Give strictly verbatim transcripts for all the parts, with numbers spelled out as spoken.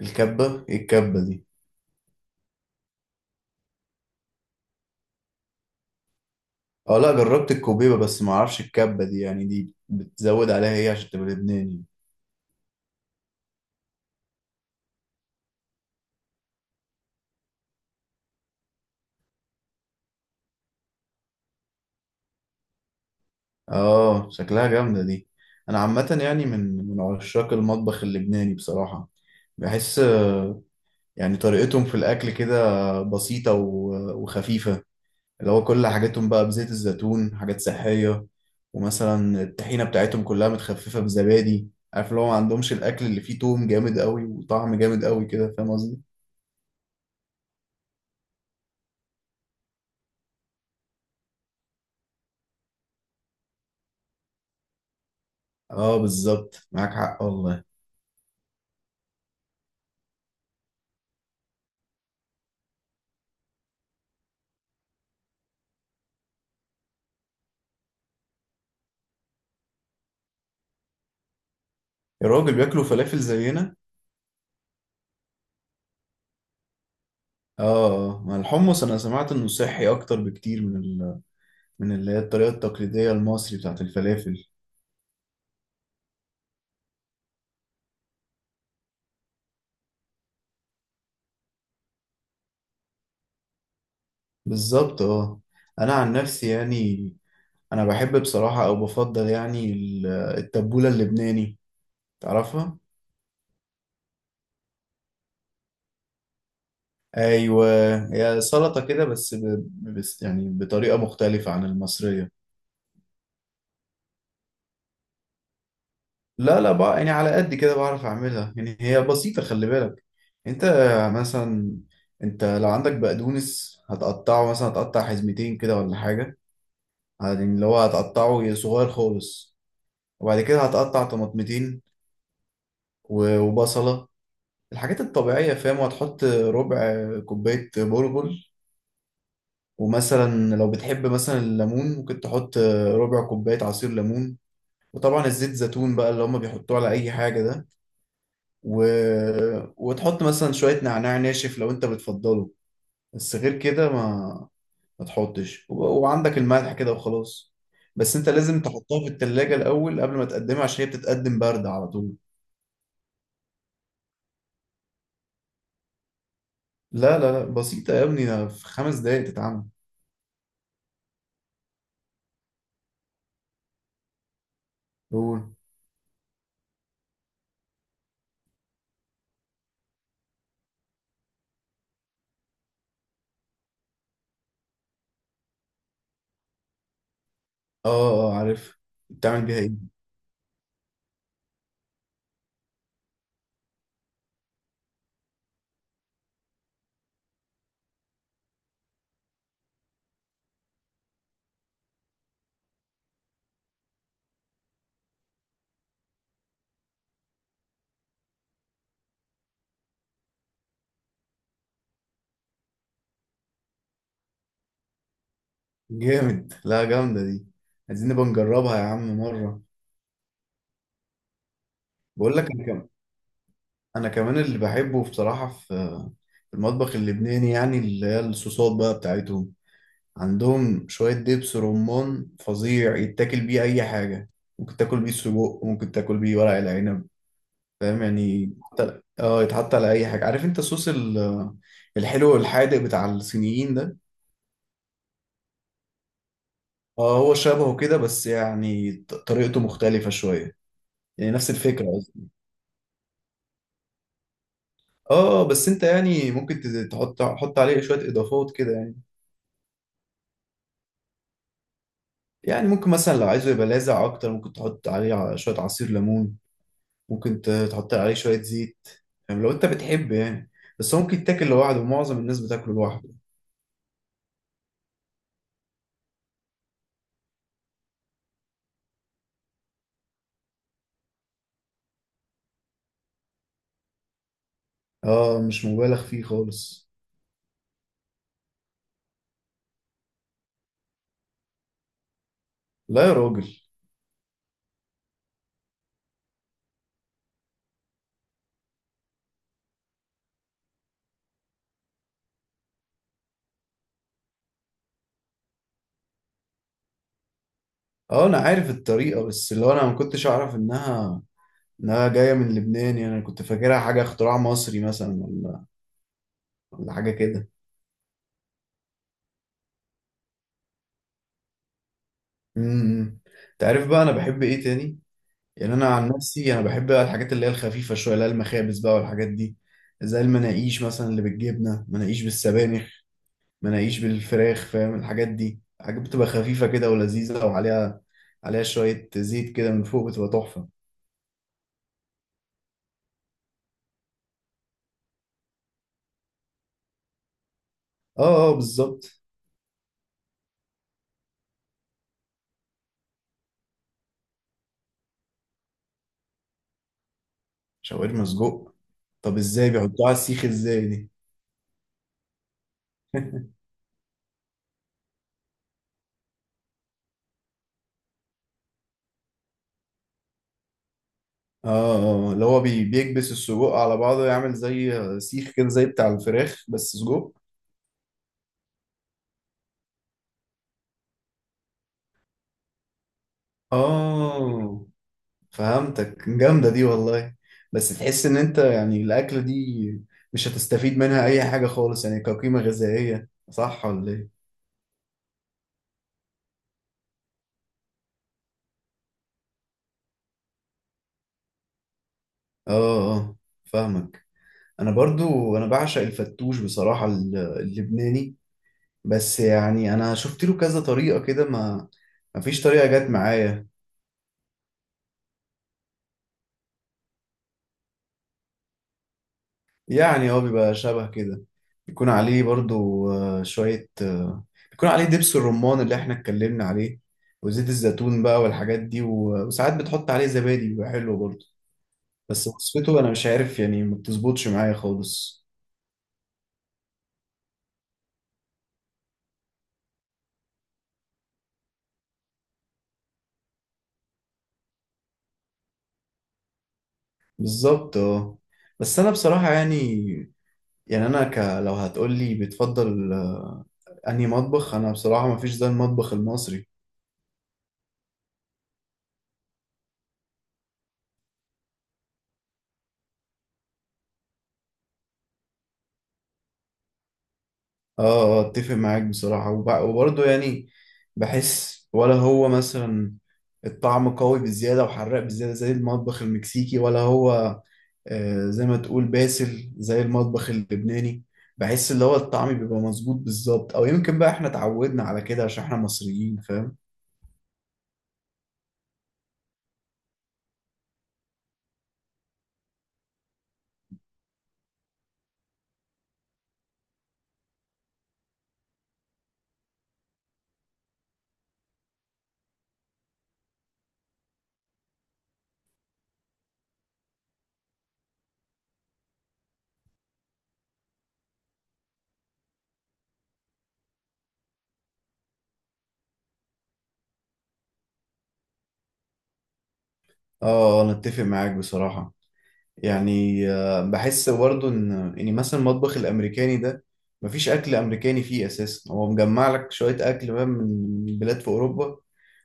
الكبة ايه؟ الكبة دي؟ اه لا، جربت الكوبيبة بس ما اعرفش الكبة دي، يعني دي بتزود عليها ايه عشان تبقى لبناني؟ اه شكلها جامدة دي. انا عامة يعني من من عشاق المطبخ اللبناني بصراحة. بحس آه، يعني طريقتهم في الاكل كده بسيطة و- وخفيفة. اللي هو كل حاجاتهم بقى بزيت الزيتون، حاجات صحية. ومثلا الطحينة بتاعتهم كلها متخففة بزبادي. عارف اللي هو ما عندهمش الاكل اللي فيه توم جامد قوي وطعم جامد قوي كده، فاهم قصدي. اه بالظبط، معاك حق والله. الراجل بياكلوا فلافل زينا. اه. آه. مع الحمص انا سمعت انه صحي اكتر بكتير من ال... من اللي هي الطريقه التقليديه المصري بتاعت الفلافل. بالظبط اه. انا عن نفسي يعني انا بحب بصراحه، او بفضل يعني ال- التبوله اللبناني، تعرفها؟ ايوه، هي سلطه كده بس ب... بس يعني بطريقه مختلفه عن المصريه. لا لا بقى، يعني على قد كده بعرف اعملها. يعني هي بسيطة، خلي بالك، انت مثلا، انت لو عندك بقدونس هتقطعه، مثلا هتقطع حزمتين كده ولا حاجة، يعني اللي هو هتقطعه صغير خالص. وبعد كده هتقطع طماطمتين و- وبصلة، الحاجات الطبيعية فاهم، وهتحط ربع كوباية برغل. ومثلا لو بتحب مثلا الليمون ممكن تحط ربع كوباية عصير ليمون. وطبعا الزيت زيتون بقى اللي هما بيحطوه على أي حاجة ده، و... وتحط مثلا شوية نعناع ناشف لو انت بتفضله. بس غير كده ما ما تحطش و... وعندك الملح كده وخلاص. بس انت لازم تحطها في التلاجة الأول قبل ما تقدمها عشان هي بتتقدم باردة على طول. لا لا لا، بسيطة يا ابني، ده في خمس دقايق تتعمل. قول. اه اه آه، عارف. بتعمل بيها ايه؟ جامد، لا جامدة دي. عايزين نبقى نجربها يا عم مرة. بقول لك انا كمان، انا كمان اللي بحبه بصراحة في في المطبخ اللبناني، يعني اللي هي الصوصات بقى بتاعتهم. عندهم شوية دبس رمان فظيع، يتاكل بيه أي حاجة. ممكن تاكل بيه سجق، ممكن تاكل بيه ورق العنب، فاهم؟ يعني يتحط- اه يتحط على أي حاجة. عارف أنت الصوص ال- الحلو والحادق بتاع الصينيين ده؟ اه هو شبهه كده، بس يعني ط- طريقته مختلفة شوية، يعني نفس الفكرة قصدي. اه، بس انت يعني ممكن تز- تحط تحط عليه شوية اضافات كده يعني. يعني ممكن مثلا لو عايزه يبقى لاذع اكتر، ممكن تحط عليه ع- شوية عصير ليمون. ممكن ت- تحط عليه شوية زيت، فاهم، لو انت بتحب يعني. بس هو ممكن يتاكل لوحده، ومعظم الناس بتاكله لوحده. اه مش مبالغ فيه خالص. لا يا راجل. اه انا عارف الطريقة، بس اللي هو انا ما كنتش اعرف انها انها جاية من لبنان، يعني انا كنت فاكرها حاجة اختراع مصري مثلا ولا ولا حاجة كده. امم. انت عارف بقى انا بحب ايه تاني؟ يعني انا عن نفسي، انا بحب بقى الحاجات اللي هي الخفيفة شوية، اللي هي المخابز بقى والحاجات دي. زي المناقيش مثلا، اللي بالجبنة، مناقيش بالسبانخ، مناقيش بالفراخ، فاهم؟ الحاجات دي حاجات بتبقى خفيفة كده ولذيذة، وعليها، عليها شوية زيت كده من فوق، بتبقى تحفة. اه اه بالظبط. شاورما سجق؟ طب ازاي بيحطوها على السيخ، ازاي دي؟ اه. اه اللي هو بي- بيكبس السجق على بعضه، يعمل زي سيخ كده زي بتاع الفراخ بس سجق. اه فهمتك، جامدة دي والله. بس تحس ان انت يعني الأكلة دي مش هتستفيد منها أي حاجة خالص، يعني كقيمة غذائية، صح ولا إيه؟ اه اه فاهمك. انا برضو انا بعشق الفتوش بصراحة، ال- اللبناني. بس يعني انا شفت له كذا طريقة كده، ما ما فيش طريقة جت معايا. يعني هو بيبقى شبه كده، بيكون عليه برضو آه، شوية آه، بيكون عليه دبس الرمان اللي احنا اتكلمنا عليه، وزيت الزيتون بقى والحاجات دي، و- وساعات بتحط عليه زبادي بيبقى حلو برضو. بس وصفته انا مش عارف يعني، ما بتظبطش معايا خالص. بالظبط اه. بس انا بصراحة يعني، يعني انا ك... لو هتقولي بتفضل آه، انهي مطبخ، انا بصراحه مفيش زي المطبخ المصري. اه آه، اتفق معاك بصراحه، وب... وبرضه يعني بحس ولا هو مثلا الطعم قوي بزياده وحراق بزياده زي المطبخ المكسيكي، ولا هو آه، زي ما تقول باسل زي المطبخ اللبناني؟ بحس اللي هو الطعم بيبقى مظبوط بالظبط، او يمكن بقى احنا اتعودنا على كده عشان احنا مصريين، فاهم. اه آه، انا اتفق معاك بصراحه. يعني آه، بحس برضه ان يعني مثلا المطبخ الامريكاني ده، مفيش اكل امريكاني فيه اساسا، هو مجمع لك شويه اكل بقى من من بلاد في اوروبا،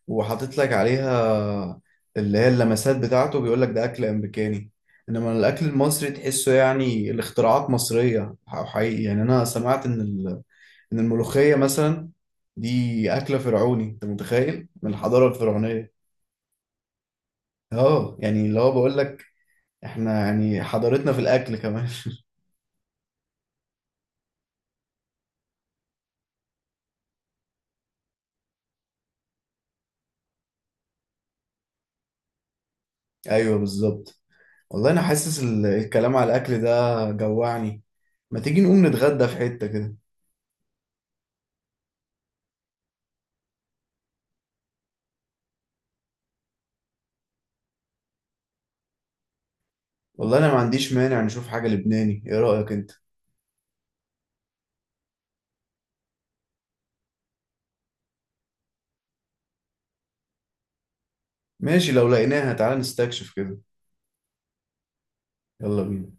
وحاطط لك عليها اللي هي اللمسات بتاعته، بيقول لك ده اكل امريكاني. انما الاكل المصري تحسه يعني الاختراعات مصريه ح- حقيقي. يعني انا سمعت ان ال- ان الملوخيه مثلا دي اكله فرعوني، انت متخيل، من الحضاره الفرعونيه. اه يعني اللي هو بقول لك احنا يعني حضارتنا في الاكل كمان. ايوه بالظبط. والله انا حاسس ال- الكلام على الاكل ده جوعني. ما تيجي نقوم نتغدى في حتة كده؟ والله انا ما عنديش مانع، نشوف حاجة لبناني، ايه رأيك انت؟ ماشي لو لقيناها، تعالى نستكشف كده. يلا بينا.